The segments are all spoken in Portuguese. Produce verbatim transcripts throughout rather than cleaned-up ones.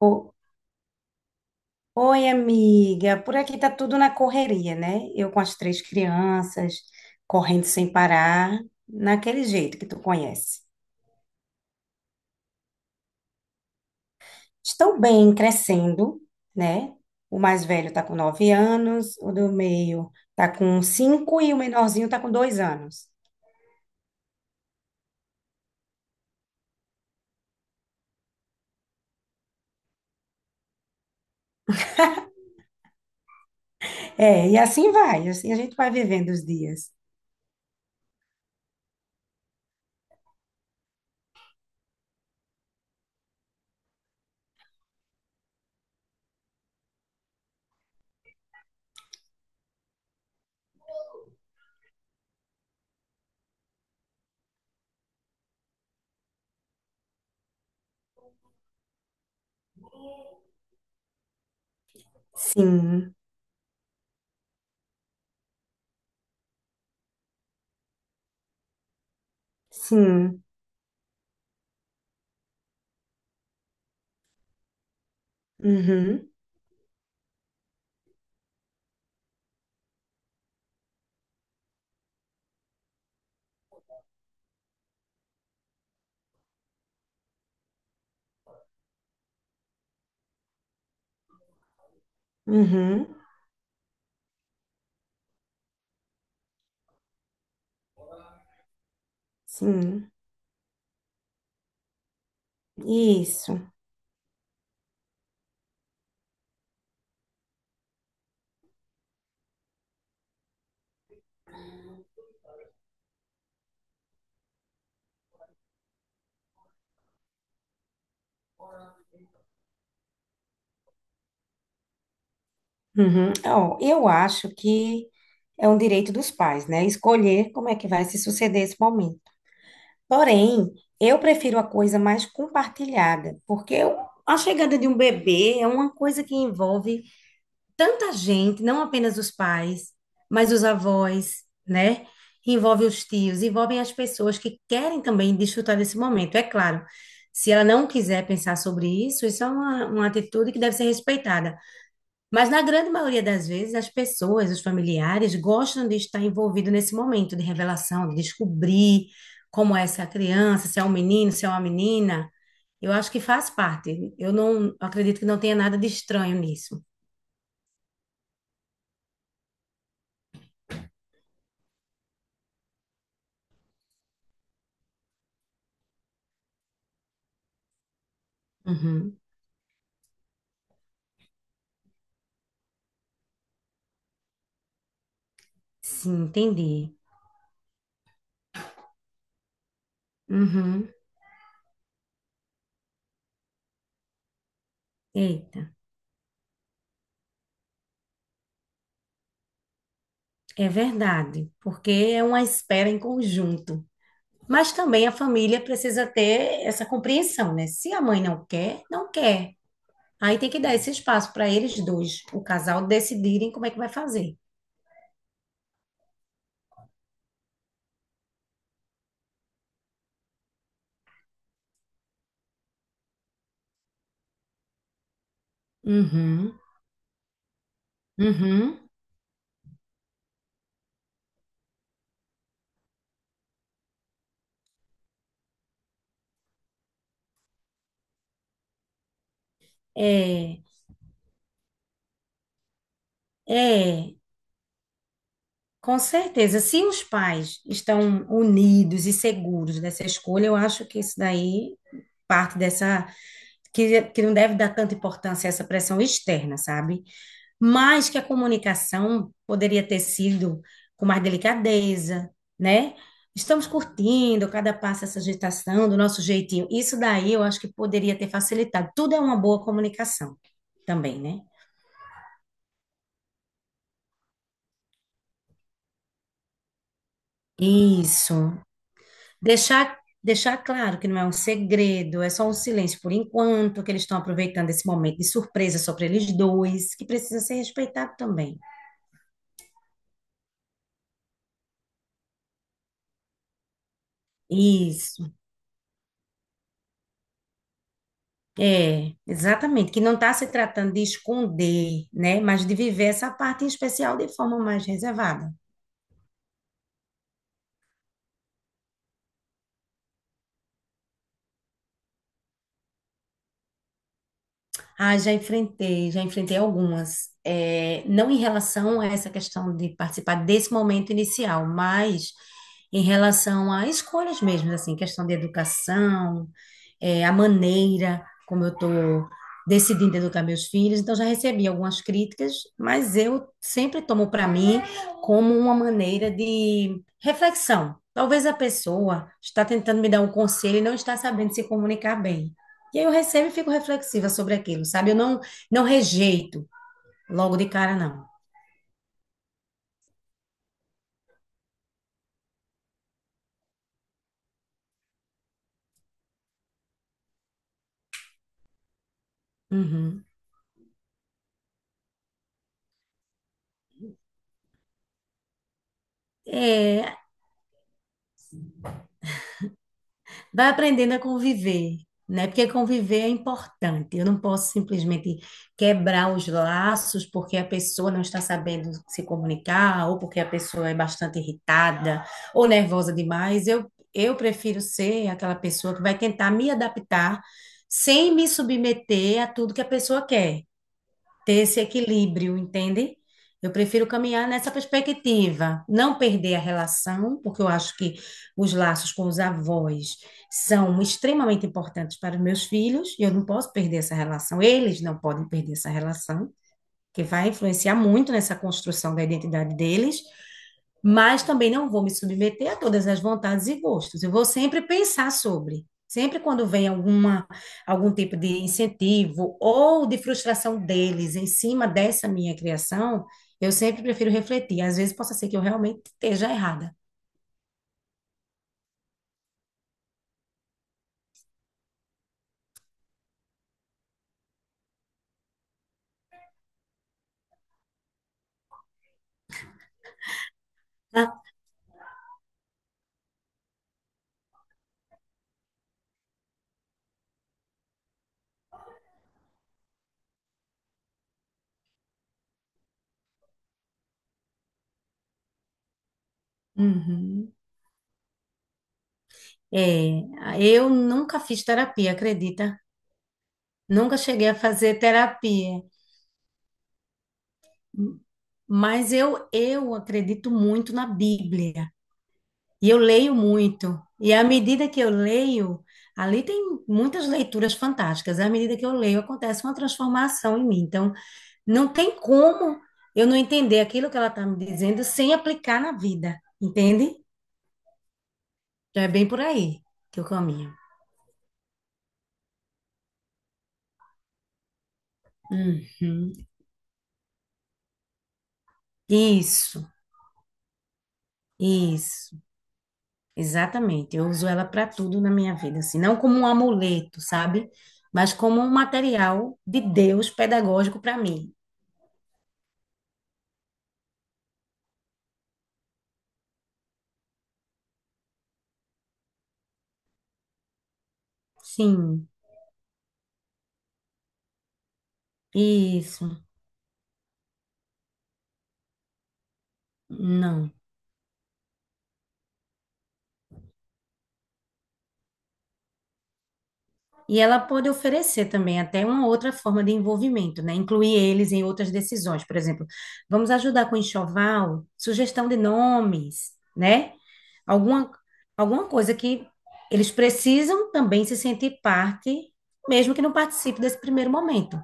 O- Oi, amiga. Por aqui tá tudo na correria, né? Eu com as três crianças, correndo sem parar, naquele jeito que tu conhece. Estão bem, crescendo, né? O mais velho tá com nove anos, o do meio tá com cinco e o menorzinho tá com dois anos. É, e assim vai, assim a gente vai vivendo os dias. Sim, sim, uhum, uhum, sim, isso. Uhum. Ó, eu acho que é um direito dos pais, né? Escolher como é que vai se suceder esse momento. Porém, eu prefiro a coisa mais compartilhada, porque eu- a chegada de um bebê é uma coisa que envolve tanta gente, não apenas os pais, mas os avós, né? Envolve os tios, envolvem as pessoas que querem também desfrutar desse momento. É claro, se ela não quiser pensar sobre isso, isso é uma, uma atitude que deve ser respeitada. Mas na grande maioria das vezes, as pessoas, os familiares, gostam de estar envolvido nesse momento de revelação, de descobrir como é essa criança, se é um menino, se é uma menina. Eu acho que faz parte. Eu não acredito que não tenha nada de estranho nisso. Uhum. Sim, entendi. Uhum. Eita, é verdade, porque é uma espera em conjunto. Mas também a família precisa ter essa compreensão, né? Se a mãe não quer, não quer. Aí tem que dar esse espaço para eles dois, o casal, decidirem como é que vai fazer. Uhum, uhum. É, é, com certeza. Se os pais estão unidos e seguros dessa escolha, eu acho que isso daí parte dessa. Que, que não deve dar tanta importância a essa pressão externa, sabe? Mas que a comunicação poderia ter sido com mais delicadeza, né? Estamos curtindo cada passo essa agitação do nosso jeitinho. Isso daí eu acho que poderia ter facilitado. Tudo é uma boa comunicação também, né? Isso. Deixar deixar claro que não é um segredo, é só um silêncio por enquanto, que eles estão aproveitando esse momento de surpresa só para eles dois, que precisa ser respeitado também. Isso. É, exatamente, que não está se tratando de esconder, né, mas de viver essa parte em especial de forma mais reservada. Ah, já enfrentei, já enfrentei algumas. É, não em relação a essa questão de participar desse momento inicial, mas em relação a escolhas mesmo, assim, questão de educação, é, a maneira como eu estou decidindo educar meus filhos. Então, já recebi algumas críticas, mas eu sempre tomo para mim como uma maneira de reflexão. Talvez a pessoa está tentando me dar um conselho e não está sabendo se comunicar bem. E aí eu recebo e fico reflexiva sobre aquilo, sabe? Eu não, não rejeito logo de cara, não. Uhum. É, vai aprendendo a conviver, né? Porque conviver é importante. Eu não posso simplesmente quebrar os laços porque a pessoa não está sabendo se comunicar, ou porque a pessoa é bastante irritada ou nervosa demais. Eu, eu prefiro ser aquela pessoa que vai tentar me adaptar sem me submeter a tudo que a pessoa quer. Ter esse equilíbrio, entende? Eu prefiro caminhar nessa perspectiva, não perder a relação, porque eu acho que os laços com os avós são extremamente importantes para os meus filhos, e eu não posso perder essa relação, eles não podem perder essa relação, que vai influenciar muito nessa construção da identidade deles, mas também não vou me submeter a todas as vontades e gostos. Eu vou sempre pensar sobre. Sempre quando vem alguma, algum tipo de incentivo ou de frustração deles em cima dessa minha criação, eu sempre prefiro refletir. Às vezes possa ser que eu realmente esteja errada. Ah, uhum. É, eu nunca fiz terapia, acredita? Nunca cheguei a fazer terapia. Mas eu, eu acredito muito na Bíblia e eu leio muito. E à medida que eu leio, ali tem muitas leituras fantásticas. À medida que eu leio, acontece uma transformação em mim. Então, não tem como eu não entender aquilo que ela está me dizendo sem aplicar na vida, entende? Então, é bem por aí que eu caminho. Uhum. Isso, isso. Exatamente, eu uso ela para tudo na minha vida, assim, não como um amuleto, sabe? Mas como um material de Deus pedagógico para mim. Sim, isso, não. E ela pode oferecer também até uma outra forma de envolvimento, né? Incluir eles em outras decisões, por exemplo, vamos ajudar com enxoval, sugestão de nomes, né? Alguma, alguma coisa que eles precisam também se sentir parte, mesmo que não participe desse primeiro momento.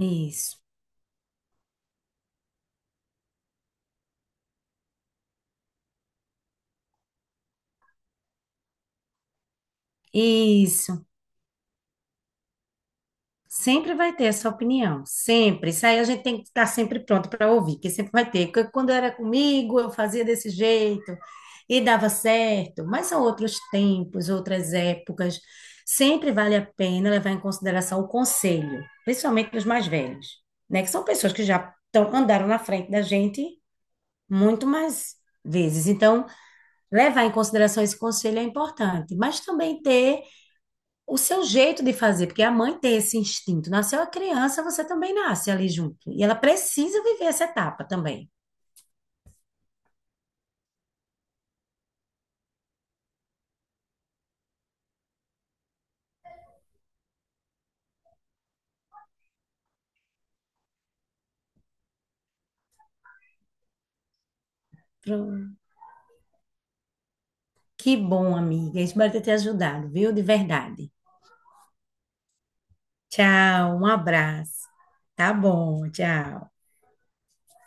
Isso. Isso. Sempre vai ter essa opinião, sempre. Isso aí a gente tem que estar sempre pronto para ouvir, que sempre vai ter. Porque quando era comigo, eu fazia desse jeito e dava certo. Mas são outros tempos, outras épocas. Sempre vale a pena levar em consideração o conselho, principalmente dos mais velhos, né? Que são pessoas que já tão- andaram na frente da gente muito mais vezes. Então, levar em consideração esse conselho é importante, mas também ter o seu jeito de fazer, porque a mãe tem esse instinto. Nasceu a criança, você também nasce ali junto. E ela precisa viver essa etapa também. Pronto. Que bom, amiga. Espero ter te ajudado, viu? De verdade. Tchau, um abraço. Tá bom, tchau.